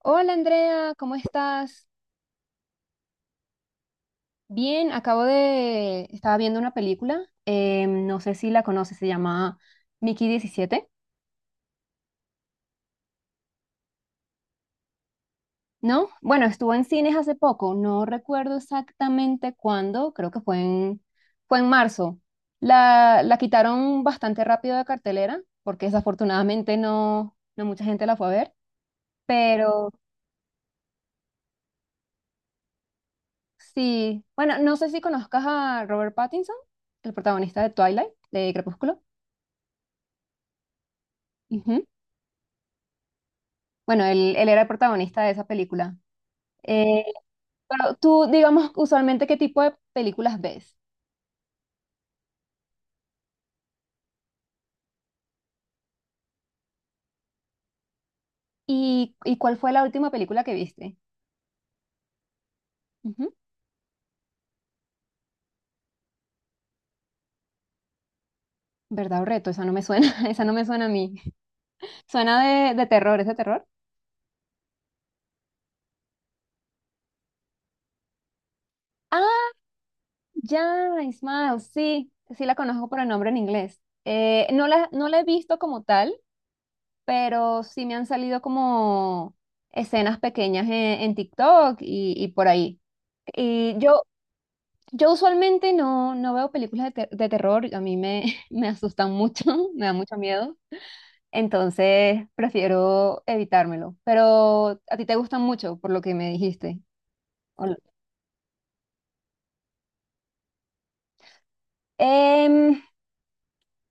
Hola Andrea, ¿cómo estás? Bien, acabo de... Estaba viendo una película, no sé si la conoces, se llama Mickey 17, ¿no? Bueno, estuvo en cines hace poco, no recuerdo exactamente cuándo, creo que fue en marzo. La quitaron bastante rápido de cartelera, porque desafortunadamente no mucha gente la fue a ver, pero sí, bueno, no sé si conozcas a Robert Pattinson, el protagonista de Twilight, de Crepúsculo. Bueno, él era el protagonista de esa película. Eh, pero tú, digamos, usualmente, ¿qué tipo de películas ves? ¿Y cuál fue la última película que viste? Ujú. ¿Verdad o reto? Esa no me suena, esa no me suena a mí. Suena de terror, ¿es de terror? Ah, ya, Ismael, sí, sí la conozco por el nombre en inglés. No la he visto como tal, pero sí me han salido como escenas pequeñas en, en TikTok y por ahí. Y yo, Yo usualmente no, no veo películas de, de terror, a mí me, me asustan mucho, me da mucho miedo, entonces prefiero evitármelo. Pero a ti te gustan mucho, por lo que me dijiste. ¿O no? Em,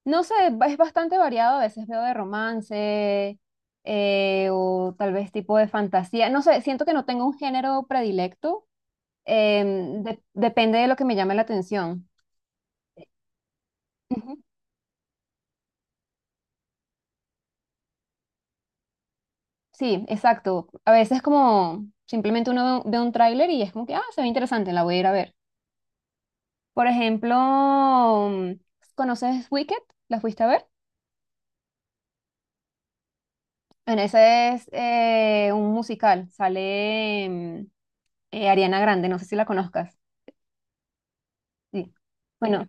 no sé, es bastante variado, a veces veo de romance o tal vez tipo de fantasía, no sé, siento que no tengo un género predilecto, depende de lo que me llame la atención. Sí, exacto. A veces como simplemente uno ve un tráiler y es como que, ah, se ve interesante, la voy a ir a ver. Por ejemplo, mm, ¿conoces Wicked? ¿La fuiste a ver? Bueno, ese es un musical. Sale Ariana Grande, no sé si la conozcas. Sí. Bueno,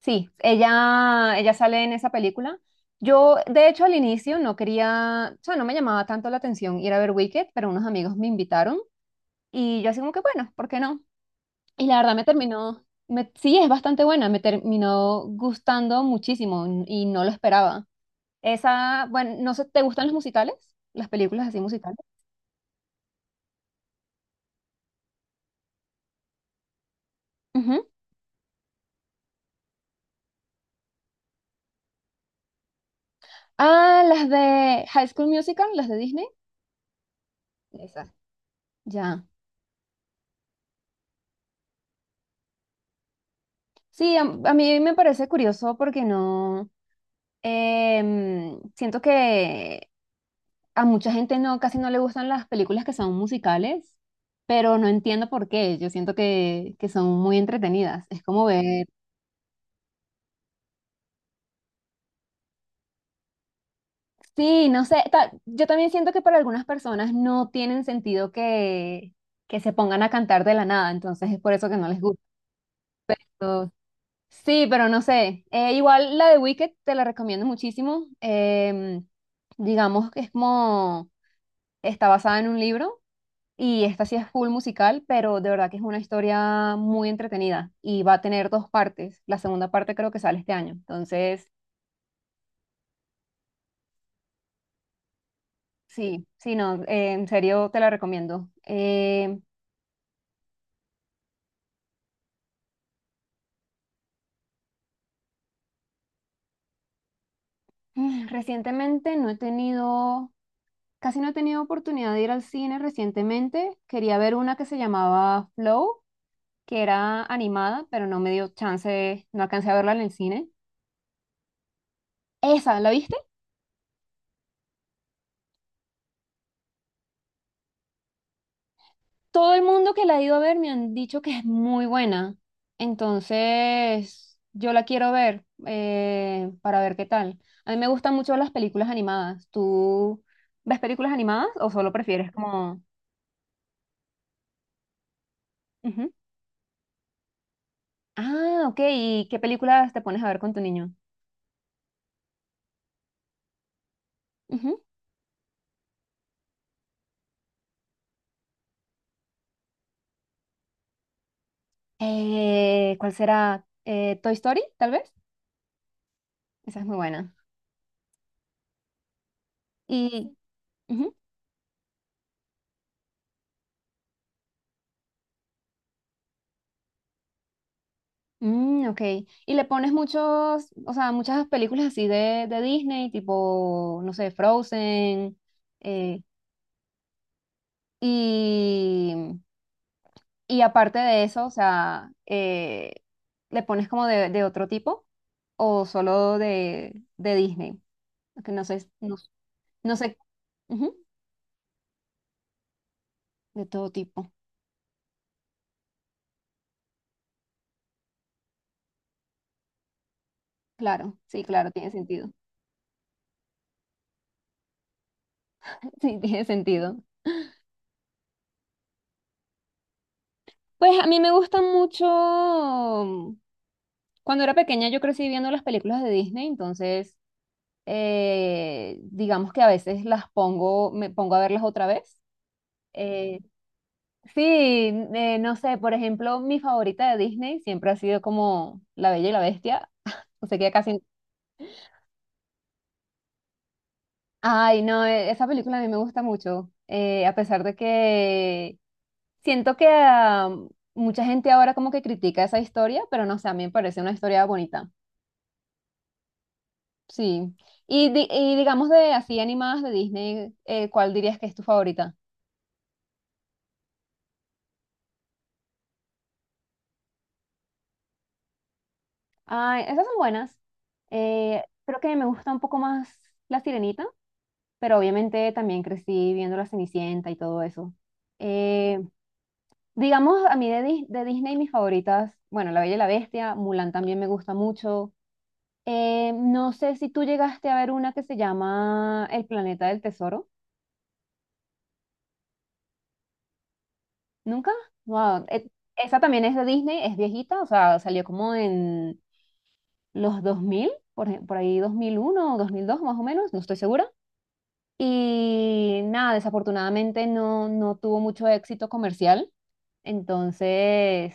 sí, ella sale en esa película. Yo, de hecho, al inicio no quería, o sea, no me llamaba tanto la atención ir a ver Wicked, pero unos amigos me invitaron y yo así como que, bueno, ¿por qué no? Y la verdad me terminó, sí, es bastante buena, me terminó gustando muchísimo y no lo esperaba. Esa, bueno, no sé, ¿te gustan los musicales? Las películas así musicales. Ujú. Ah, las de High School Musical, las de Disney. Esa. Ya. Sí, a mí me parece curioso porque no, siento que a mucha gente no, casi no le gustan las películas que son musicales, pero no entiendo por qué. Yo siento que son muy entretenidas. Es como ver. Sí, no sé, yo también siento que para algunas personas no tienen sentido que se pongan a cantar de la nada, entonces es por eso que no les gusta. Sí, pero no sé, igual la de Wicked te la recomiendo muchísimo, digamos que es como, está basada en un libro y esta sí es full musical, pero de verdad que es una historia muy entretenida y va a tener dos partes, la segunda parte creo que sale este año, entonces sí, sí, no, en serio te la recomiendo. Em, mm, recientemente no he tenido, casi no he tenido oportunidad de ir al cine recientemente. Quería ver una que se llamaba Flow, que era animada, pero no me dio chance, no alcancé a verla en el cine. Esa, ¿la viste? Todo el mundo que la ha ido a ver me han dicho que es muy buena. Entonces, yo la quiero ver para ver qué tal. A mí me gustan mucho las películas animadas. ¿Tú ves películas animadas o solo prefieres como... Ujú. Ah, ok. ¿Y qué películas te pones a ver con tu niño? Ujú. ¿Cuál será? ¿Toy Story, tal vez? Esa es muy buena. Y, ujú. Mm, ok. ¿Y le pones muchos, o sea, muchas películas así de Disney, tipo, no sé, Frozen? eh, y, y aparte de eso, o sea, ¿le pones como de otro tipo o solo de Disney? Que no sé, no, no sé. Ujú, de todo tipo. Claro, sí, claro, tiene sentido. Sí, tiene sentido. Pues a mí me gusta mucho, cuando era pequeña yo crecí viendo las películas de Disney, entonces digamos que a veces las pongo, me pongo a verlas otra vez. Eh, sí, no sé, por ejemplo, mi favorita de Disney siempre ha sido como La Bella y la Bestia. O sea que ya casi... Ay, no, esa película a mí me gusta mucho, a pesar de que siento que mucha gente ahora como que critica esa historia, pero no sé, a mí me parece una historia bonita. Sí. Y, y digamos de así animadas de Disney, ¿cuál dirías que es tu favorita? Ay, esas son buenas. Creo que me gusta un poco más La Sirenita, pero obviamente también crecí viendo La Cenicienta y todo eso. Eh, digamos, a mí de, de Disney mis favoritas, bueno, La Bella y la Bestia, Mulan también me gusta mucho. No sé si tú llegaste a ver una que se llama El Planeta del Tesoro. ¿Nunca? Wow. Esa también es de Disney, es viejita, o sea, salió como en los 2000 por ahí 2001 o 2002 más o menos, no estoy segura. Y nada, desafortunadamente no, no tuvo mucho éxito comercial. Entonces,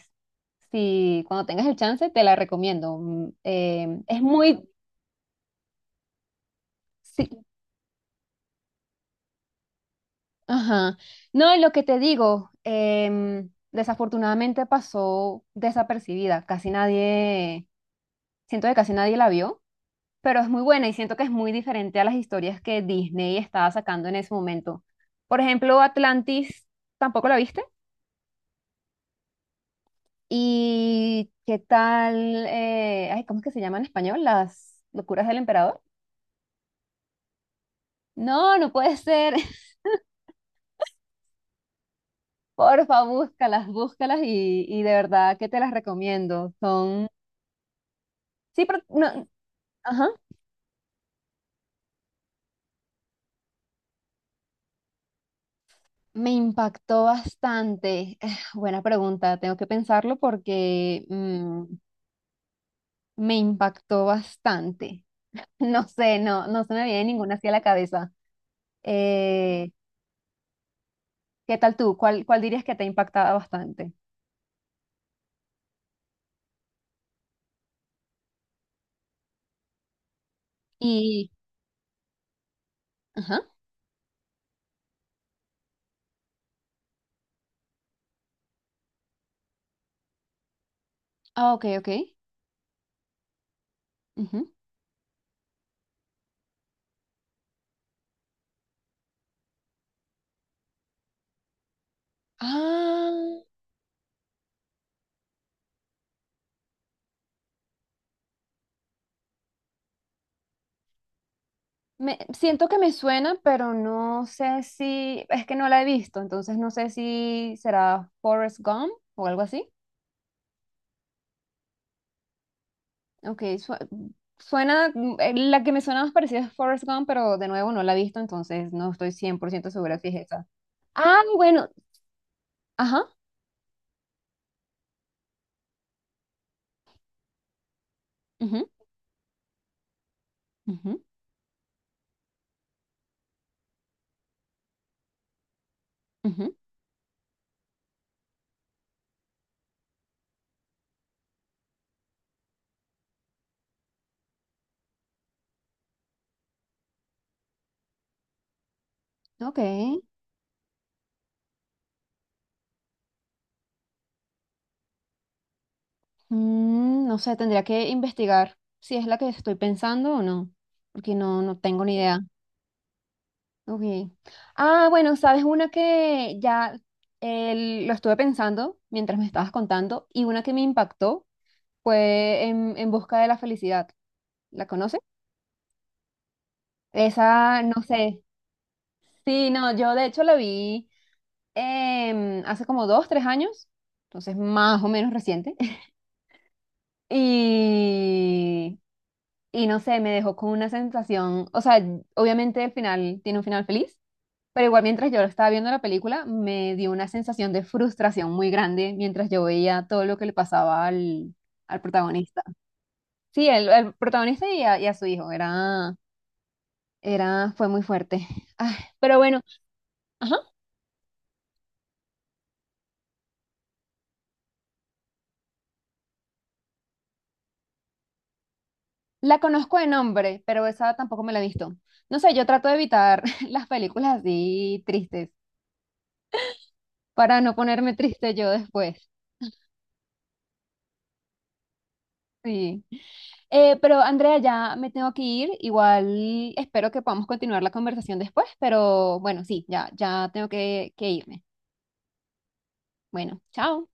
si cuando tengas el chance, te la recomiendo. Mm, sí, ajá. No, y lo que te digo, desafortunadamente pasó desapercibida. Casi nadie, siento que casi nadie la vio, pero es muy buena y siento que es muy diferente a las historias que Disney estaba sacando en ese momento. Por ejemplo, Atlantis, ¿tampoco la viste? ¿Y qué tal? Eh, ay, ¿cómo es que se llama en español? Las locuras del emperador. No, no puede ser. Porfa, búscalas, búscalas y de verdad que te las recomiendo. Son... Sí, pero... No, ajá. Me impactó bastante. Buena pregunta, tengo que pensarlo porque me impactó bastante. No sé, no, no se me viene ninguna hacia la cabeza. Eh, ¿Qué tal tú? ¿Cuál dirías que te ha impactado bastante? Y, ajá, ah, ok, ok. Ujú. Ah, me, siento que me suena, pero no sé si, es que no la he visto, entonces no sé si será Forrest Gump o algo así. Ok, suena, mm, la que me suena más parecida es Forrest Gump, pero de nuevo no la he visto, entonces no estoy 100% segura si es esa. Ah, bueno, ajá. Ujú, ujú, ujú, ok. Mm, no sé, tendría que investigar si es la que estoy pensando o no, porque no, no tengo ni idea. Ok. Ah, bueno, sabes una que ya lo estuve pensando mientras me estabas contando y una que me impactó fue en Busca de la Felicidad. ¿La conoces? Esa, no sé. Sí, no, yo de hecho la vi hace como 2, 3 años, entonces más o menos reciente. Y, y no sé, me dejó con una sensación, o sea, obviamente el final tiene un final feliz, pero igual mientras yo estaba viendo la película me dio una sensación de frustración muy grande mientras yo veía todo lo que le pasaba al protagonista. Sí, el protagonista y a su hijo, era, fue muy fuerte. Ah, pero bueno, ajá. La conozco de nombre, pero esa tampoco me la he visto. No sé, yo trato de evitar las películas así tristes para no ponerme triste yo después. Sí. Pero Andrea, ya me tengo que ir. Igual espero que podamos continuar la conversación después, pero bueno, sí, ya, ya tengo que irme. Bueno, chao.